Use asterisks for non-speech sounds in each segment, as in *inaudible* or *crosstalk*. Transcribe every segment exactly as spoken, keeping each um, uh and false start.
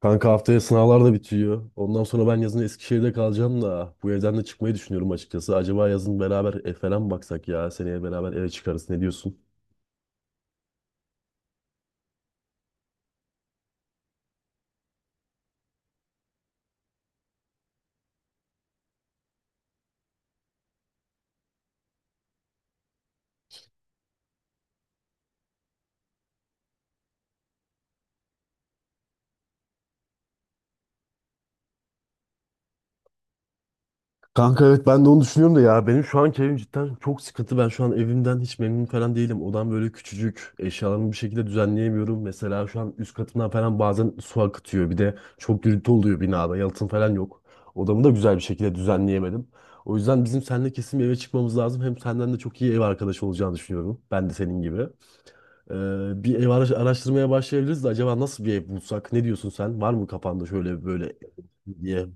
Kanka haftaya sınavlar da bitiyor. Ondan sonra ben yazın Eskişehir'de kalacağım da bu evden de çıkmayı düşünüyorum açıkçası. Acaba yazın beraber ev falan mı baksak ya? Seneye beraber eve çıkarız. Ne diyorsun? Kanka evet ben de onu düşünüyorum da ya benim şu anki evim cidden çok sıkıntı. Ben şu an evimden hiç memnun falan değilim. Odam böyle küçücük. Eşyalarımı bir şekilde düzenleyemiyorum. Mesela şu an üst katımdan falan bazen su akıtıyor. Bir de çok gürültü oluyor binada. Yalıtım falan yok. Odamı da güzel bir şekilde düzenleyemedim. O yüzden bizim seninle kesin bir eve çıkmamız lazım. Hem senden de çok iyi ev arkadaşı olacağını düşünüyorum. Ben de senin gibi. Ee, bir ev ara- araştırmaya başlayabiliriz de acaba nasıl bir ev bulsak? Ne diyorsun sen? Var mı kafanda şöyle böyle diye?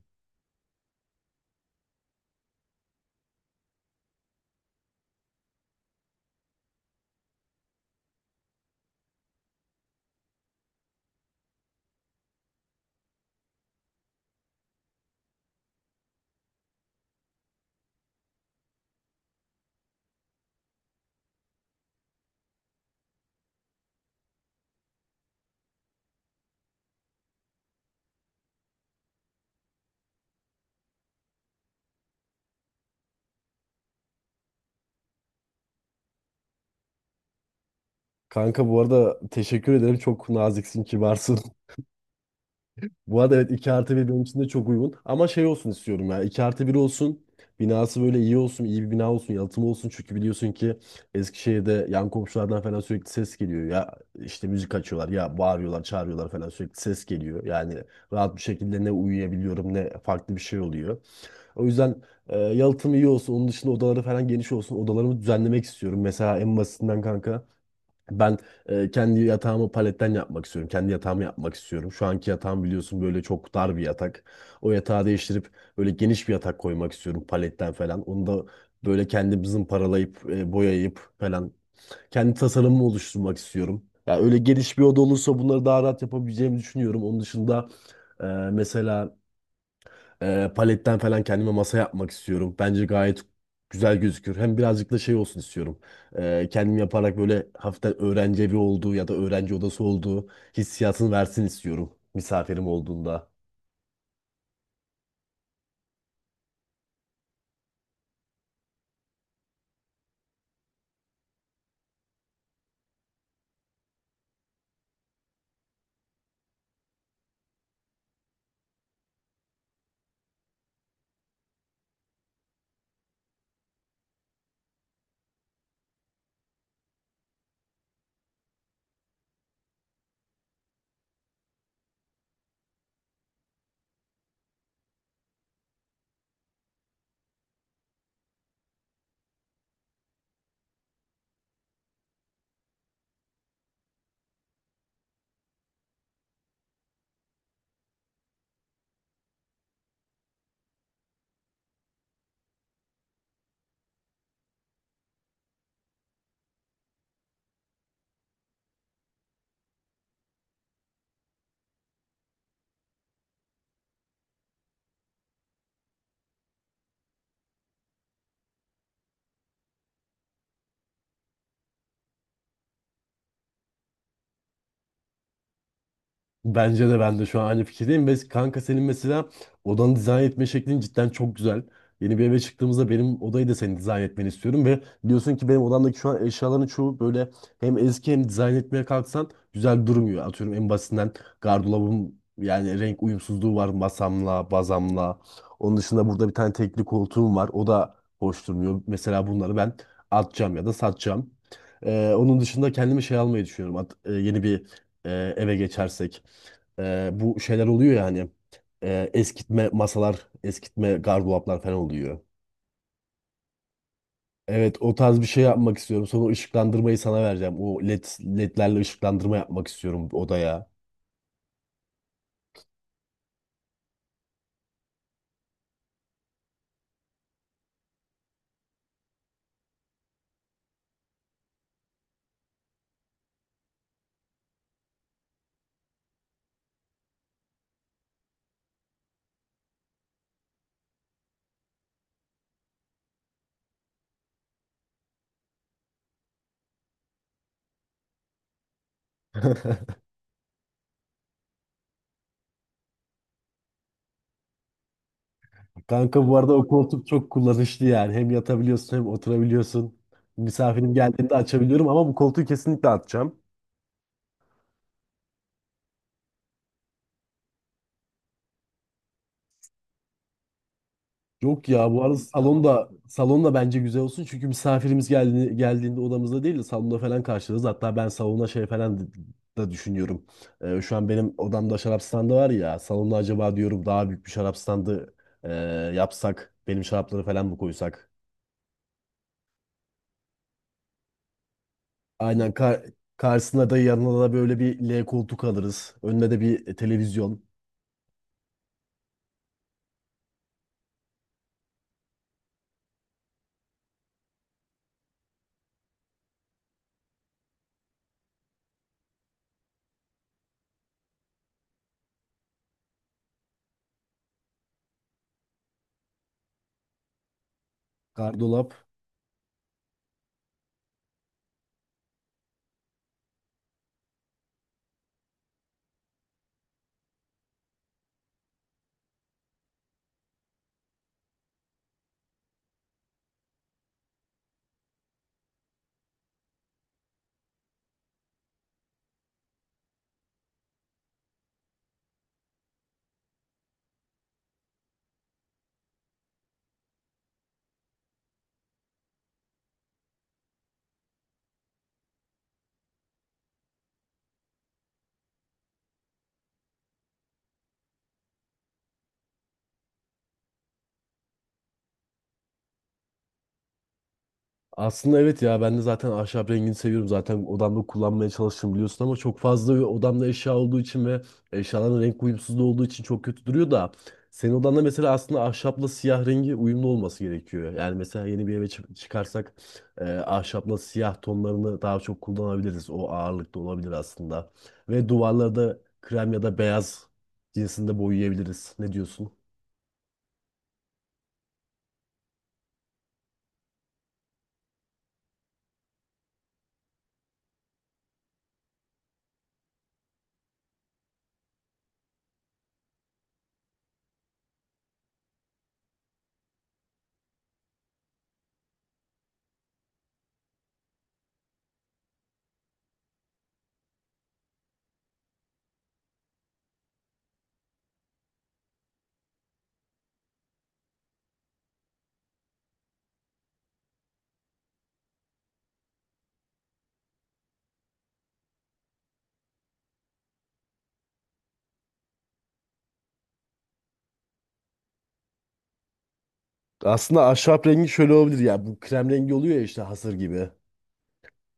Kanka bu arada teşekkür ederim. Çok naziksin, kibarsın. *laughs* Bu arada evet iki artı bir benim için de çok uygun. Ama şey olsun istiyorum ya. İki artı bir olsun. Binası böyle iyi olsun. İyi bir bina olsun. Yalıtımı olsun. Çünkü biliyorsun ki Eskişehir'de yan komşulardan falan sürekli ses geliyor. Ya işte müzik açıyorlar. Ya bağırıyorlar, çağırıyorlar falan sürekli ses geliyor. Yani rahat bir şekilde ne uyuyabiliyorum ne farklı bir şey oluyor. O yüzden e, yalıtım iyi olsun. Onun dışında odaları falan geniş olsun. Odalarımı düzenlemek istiyorum. Mesela en basitinden kanka. Ben e, kendi yatağımı paletten yapmak istiyorum. Kendi yatağımı yapmak istiyorum. Şu anki yatağım biliyorsun böyle çok dar bir yatak. O yatağı değiştirip böyle geniş bir yatak koymak istiyorum paletten falan. Onu da böyle kendimizin paralayıp e, boyayıp falan kendi tasarımımı oluşturmak istiyorum. Ya öyle geniş bir oda olursa bunları daha rahat yapabileceğimi düşünüyorum. Onun dışında e, mesela ee, paletten falan kendime masa yapmak istiyorum. Bence gayet güzel gözükür. Hem birazcık da şey olsun istiyorum. Ee, kendim yaparak böyle hafiften öğrenci evi olduğu ya da öğrenci odası olduğu hissiyatını versin istiyorum misafirim olduğunda. Bence de ben de şu an aynı fikirdeyim. Ve kanka senin mesela odanı dizayn etme şeklin cidden çok güzel. Yeni bir eve çıktığımızda benim odayı da senin dizayn etmeni istiyorum. Ve biliyorsun ki benim odamdaki şu an eşyaların çoğu böyle hem eski hem dizayn etmeye kalksan güzel durmuyor. Atıyorum en basitinden gardırobum yani renk uyumsuzluğu var masamla, bazamla. Onun dışında burada bir tane tekli koltuğum var. O da hoş durmuyor. Mesela bunları ben atacağım ya da satacağım. Ee, onun dışında kendime şey almayı düşünüyorum. At- e, yeni bir e, eve geçersek e, bu şeyler oluyor yani. E, eskitme masalar, eskitme gardıroplar falan oluyor. Evet o tarz bir şey yapmak istiyorum. Sonra ışıklandırmayı sana vereceğim. O led, ledlerle ışıklandırma yapmak istiyorum odaya. *laughs* Kanka bu arada o koltuk çok kullanışlı yani. Hem yatabiliyorsun hem oturabiliyorsun. Misafirim geldiğinde açabiliyorum ama bu koltuğu kesinlikle atacağım. Yok ya bu arada salonda salonda bence güzel olsun çünkü misafirimiz geldiğinde, geldiğinde odamızda değil de salonda falan karşılarız. Hatta ben salona şey falan d- da düşünüyorum. Ee, şu an benim odamda şarap standı var ya salonda acaba diyorum daha büyük bir şarap standı e, yapsak benim şarapları falan mı koysak? Aynen kar karşısına da yanına da böyle bir L koltuk alırız. Önüne de bir e, televizyon, gardırop. Aslında evet ya ben de zaten ahşap rengini seviyorum. Zaten odamda kullanmaya çalıştım biliyorsun ama çok fazla odamda eşya olduğu için ve eşyaların renk uyumsuzluğu olduğu için çok kötü duruyor da senin odanda mesela aslında ahşapla siyah rengi uyumlu olması gerekiyor. Yani mesela yeni bir eve çı- çıkarsak e, ahşapla siyah tonlarını daha çok kullanabiliriz. O ağırlıkta olabilir aslında. Ve duvarları da krem ya da beyaz cinsinde boyayabiliriz. Ne diyorsun? Aslında ahşap rengi şöyle olabilir ya bu krem rengi oluyor ya işte hasır gibi.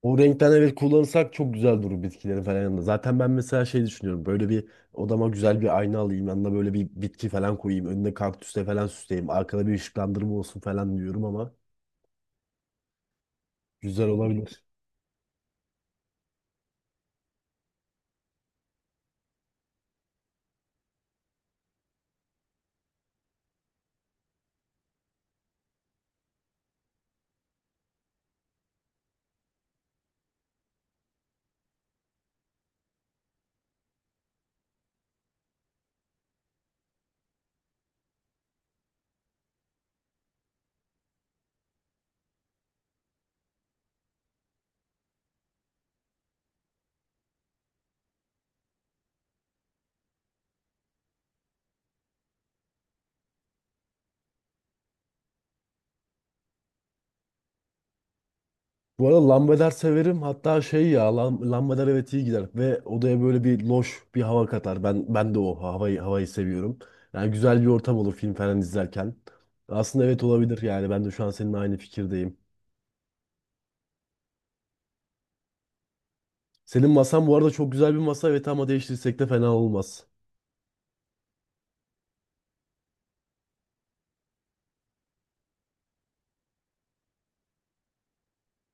O renkten evet kullanırsak çok güzel durur bitkilerin falan yanında. Zaten ben mesela şey düşünüyorum. Böyle bir odama güzel bir ayna alayım. Yanına böyle bir bitki falan koyayım. Önüne kaktüsle falan süsleyeyim. Arkada bir ışıklandırma olsun falan diyorum ama güzel olabilir. Bu arada lambader severim. Hatta şey ya lam- lambader evet iyi gider. Ve odaya böyle bir loş bir hava katar. Ben ben de o havayı, havayı seviyorum. Yani güzel bir ortam olur film falan izlerken. Aslında evet olabilir yani. Ben de şu an seninle aynı fikirdeyim. Senin masan bu arada çok güzel bir masa evet ama değiştirsek de fena olmaz.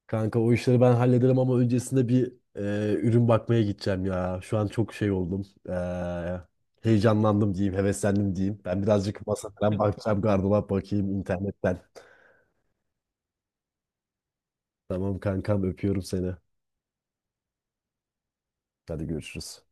Kanka o işleri ben hallederim ama öncesinde bir e, ürün bakmaya gideceğim ya. Şu an çok şey oldum. E, heyecanlandım diyeyim, heveslendim diyeyim. Ben birazcık masa falan bakacağım, gardırop bakayım internetten. Tamam kankam öpüyorum seni. Hadi görüşürüz.